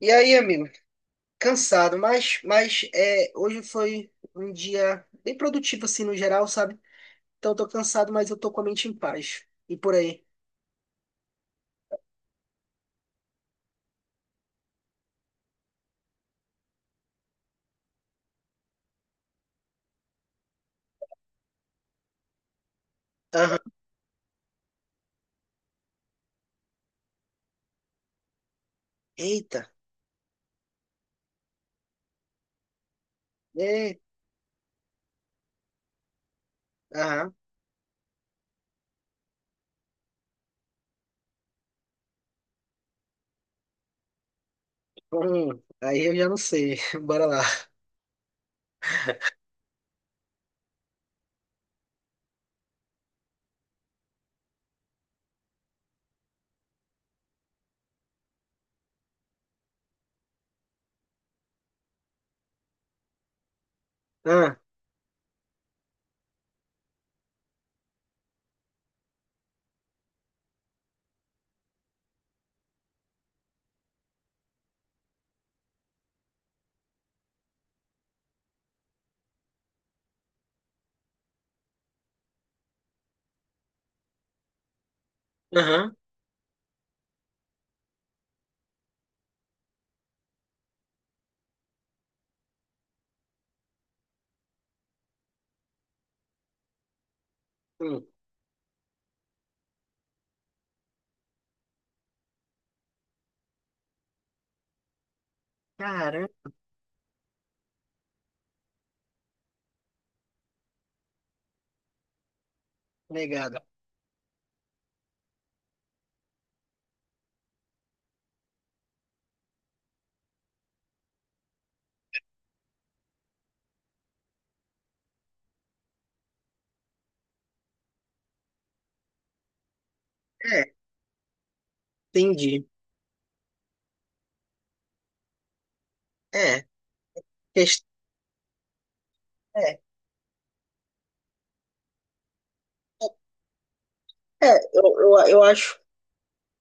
E aí, amigo, cansado, mas é, hoje foi um dia bem produtivo, assim, no geral, sabe? Então, eu tô cansado, mas eu tô com a mente em paz. E por aí? Aham. Eita. É. Aham. Aí eu já não sei. Bora lá. Ah. Aham. Hum. Caramba, negado. É, entendi. É. ques- É, é é, eu, eu acho.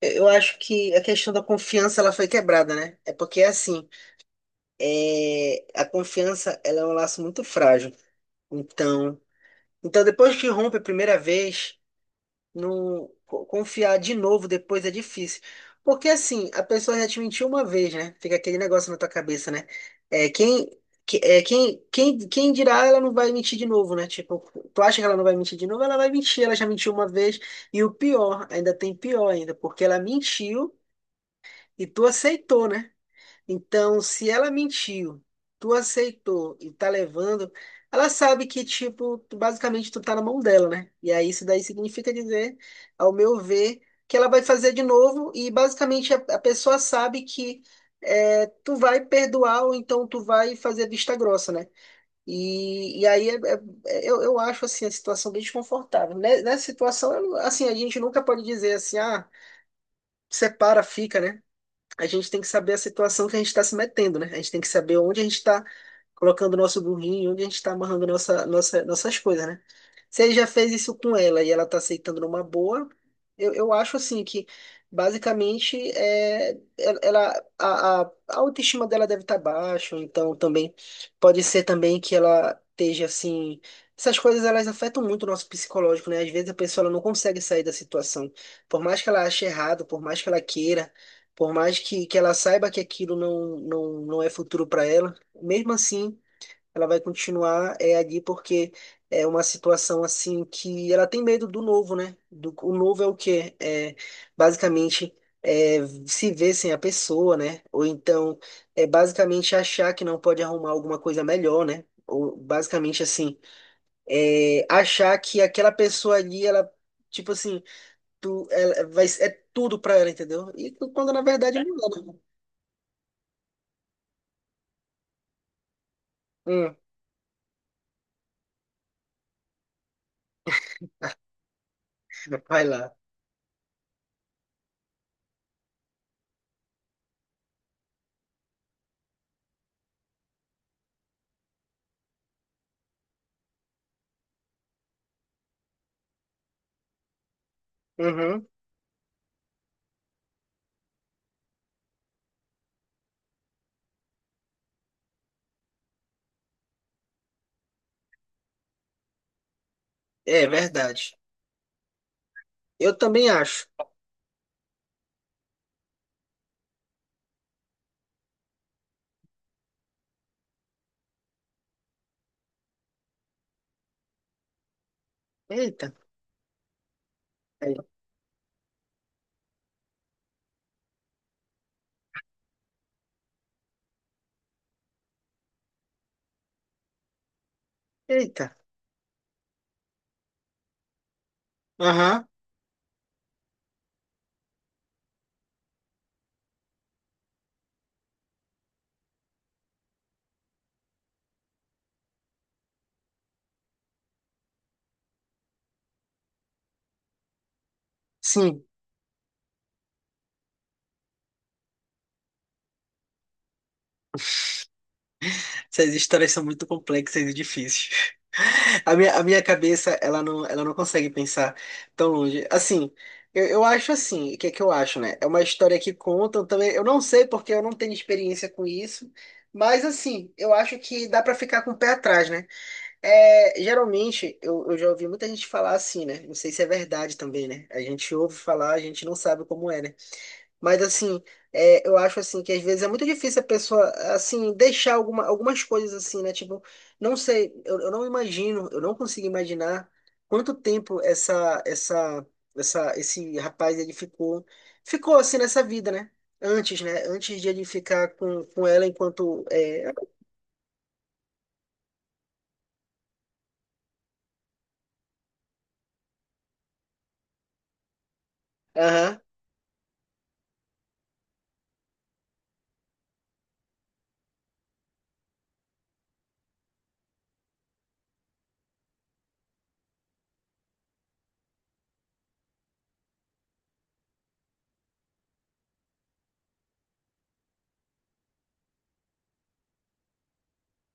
Eu acho que a questão da confiança ela foi quebrada, né? É porque assim, é, a confiança ela é um laço muito frágil. Então, então depois que rompe a primeira vez, não co- confiar de novo depois é difícil. Porque assim, a pessoa já te mentiu uma vez, né? Fica aquele negócio na tua cabeça, né? É, quem, que- é, quem, quem, quem dirá ela não vai mentir de novo, né? Tipo, tu acha que ela não vai mentir de novo? Ela vai mentir, ela já mentiu uma vez. E o pior, ainda tem pior ainda, porque ela mentiu e tu aceitou, né? Então, se ela mentiu, tu aceitou e tá levando, ela sabe que, tipo, basicamente tu tá na mão dela, né? E aí isso daí significa dizer, ao meu ver, que ela vai fazer de novo e basicamente a pessoa sabe que tu vai perdoar ou então tu vai fazer vista grossa, né? E aí, eu acho, assim, a situação bem desconfortável. Nessa situação, eu não- assim, a gente nunca pode dizer assim, ah, separa, fica, né? A gente tem que saber a situação que a gente está se metendo, né? A gente tem que saber onde a gente está colocando o nosso burrinho, onde a gente está amarrando nossa, nossas coisas, né? Se ele já fez isso com ela e ela está aceitando numa boa, eu acho assim que basicamente é, a autoestima dela deve estar baixa, ou então também pode ser também que ela esteja assim. Essas coisas elas afetam muito o nosso psicológico, né? Às vezes a pessoa ela não consegue sair da situação. Por mais que ela ache errado, por mais que ela queira, por mais que ela saiba que aquilo não é futuro para ela, mesmo assim, ela vai continuar ali porque é uma situação assim que ela tem medo do novo, né? O novo é o quê? É, basicamente, é, se ver sem a pessoa, né? Ou então, é basicamente achar que não pode arrumar alguma coisa melhor, né? Ou basicamente assim, é, achar que aquela pessoa ali, tipo assim, ela vai, é tudo pra ela, entendeu? E quando na verdade não é, né? Hum. Vai lá. Uhum. É verdade. Eu também acho. Eita. Aí. Eita. Aham. Sim. Essas histórias são muito complexas e difíceis. A minha cabeça, ela não consegue pensar tão longe. Assim, eu acho assim, o que é que eu acho, né? É uma história que contam também. Eu não sei porque eu não tenho experiência com isso, mas assim, eu acho que dá pra ficar com o pé atrás, né? É, geralmente, eu já ouvi muita gente falar assim, né? Não sei se é verdade também, né? A gente ouve falar, a gente não sabe como é, né? Mas, assim, é, eu acho, assim, que às vezes é muito difícil a pessoa, assim, deixar algumas coisas assim, né? Tipo, não sei, eu não imagino, eu, não consigo imaginar quanto tempo esse rapaz, ele ficou, assim nessa vida, né? Antes, né? Antes de ele ficar com ela enquanto... É, aham.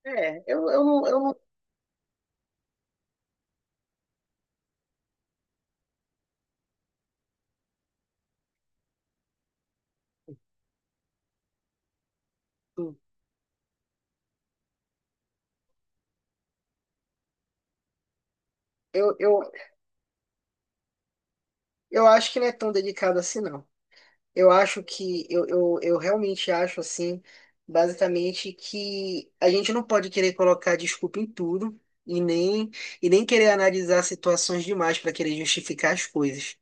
É. Não Eu, eu, eu acho que não é tão delicado assim, não. Eu acho que eu, eu realmente acho assim, basicamente, que a gente não pode querer colocar desculpa em tudo e nem, e nem querer analisar situações demais para querer justificar as coisas.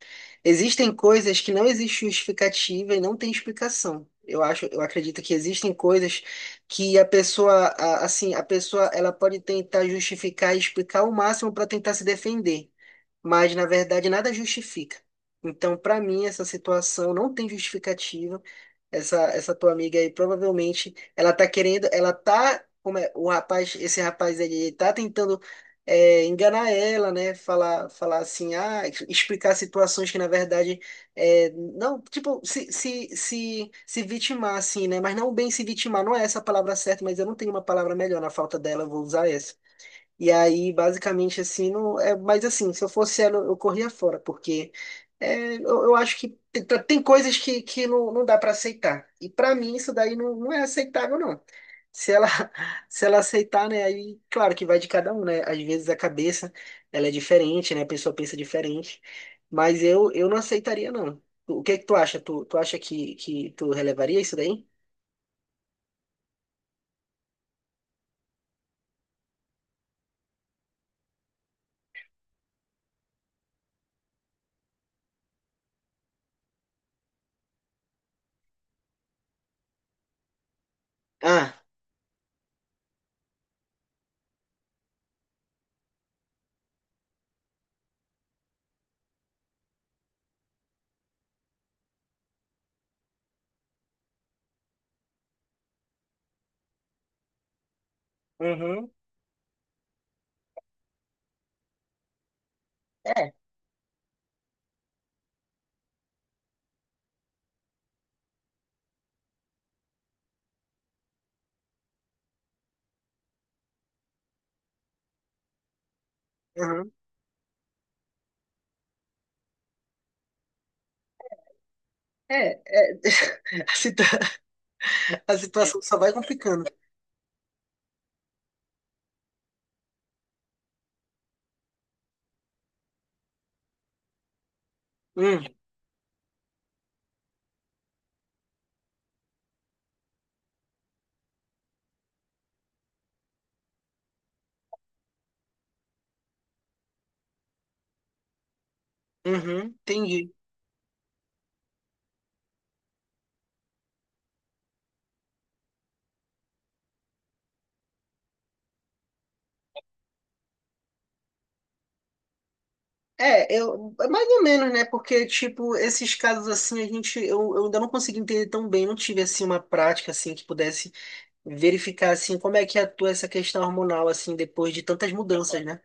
Existem coisas que não existe justificativa e não tem explicação. Eu acho, eu acredito que existem coisas que a pessoa, assim, a pessoa ela pode tentar justificar e explicar o máximo para tentar se defender, mas na verdade nada justifica. Então, para mim, essa situação não tem justificativa. Essa tua amiga aí, provavelmente, ela tá querendo, ela tá, como é, esse rapaz aí, ele tá tentando enganar ela, né? Falar assim, ah, explicar situações que, na verdade, é, não, tipo, se vitimar, assim, né? Mas não bem se vitimar, não é essa a palavra certa, mas eu não tenho uma palavra melhor na falta dela, eu vou usar essa. E aí, basicamente, assim, não é, mas assim, se eu fosse ela, eu corria fora, porque eu acho que tem tem coisas que não dá para aceitar. E para mim, isso daí não é aceitável, não. Se ela, se ela aceitar, né, aí, claro que vai de cada um, né? Às vezes a cabeça, ela é diferente, né? A pessoa pensa diferente. Mas eu não aceitaria, não. O que é que tu acha? Tu acha que tu relevaria isso daí? Ah, uhum. É. Uhum. É, é, assim, a situação só vai complicando. Hum, uhum, entendi. É, é mais ou menos, né? Porque, tipo, esses casos assim, a gente, eu ainda não consegui entender tão bem, não tive, assim, uma prática, assim, que pudesse verificar, assim, como é que atua essa questão hormonal, assim, depois de tantas mudanças, né?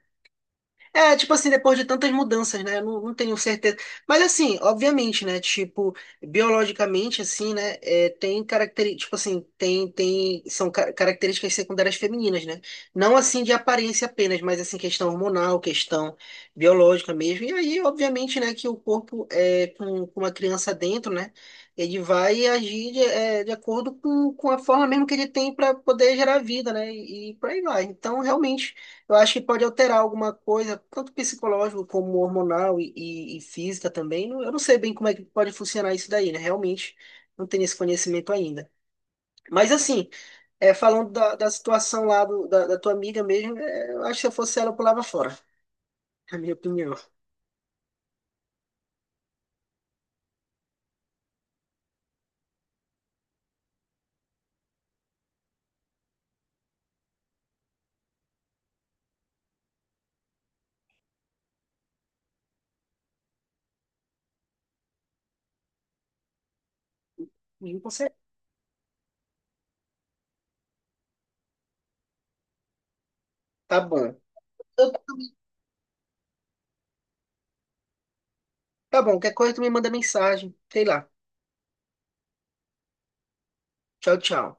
É, tipo assim, depois de tantas mudanças, né? Eu não tenho certeza. Mas assim, obviamente, né? Tipo, biologicamente, assim, né? É, tem características, tipo assim, são características secundárias femininas, né? Não assim de aparência apenas, mas assim, questão hormonal, questão biológica mesmo. E aí, obviamente, né, que o corpo é com uma criança dentro, né? Ele vai agir de acordo com a forma mesmo que ele tem para poder gerar vida, né? E por aí vai. Então, realmente. Eu acho que pode alterar alguma coisa, tanto psicológico como hormonal e física também. Eu não sei bem como é que pode funcionar isso daí, né? Realmente não tenho esse conhecimento ainda. Mas assim, é, falando da situação lá da tua amiga mesmo, é, eu acho que se eu fosse ela, eu pulava fora, na minha opinião. Não consegue. Tá bom. Tá bom, qualquer coisa tu me manda mensagem. Sei lá. Tchau, tchau.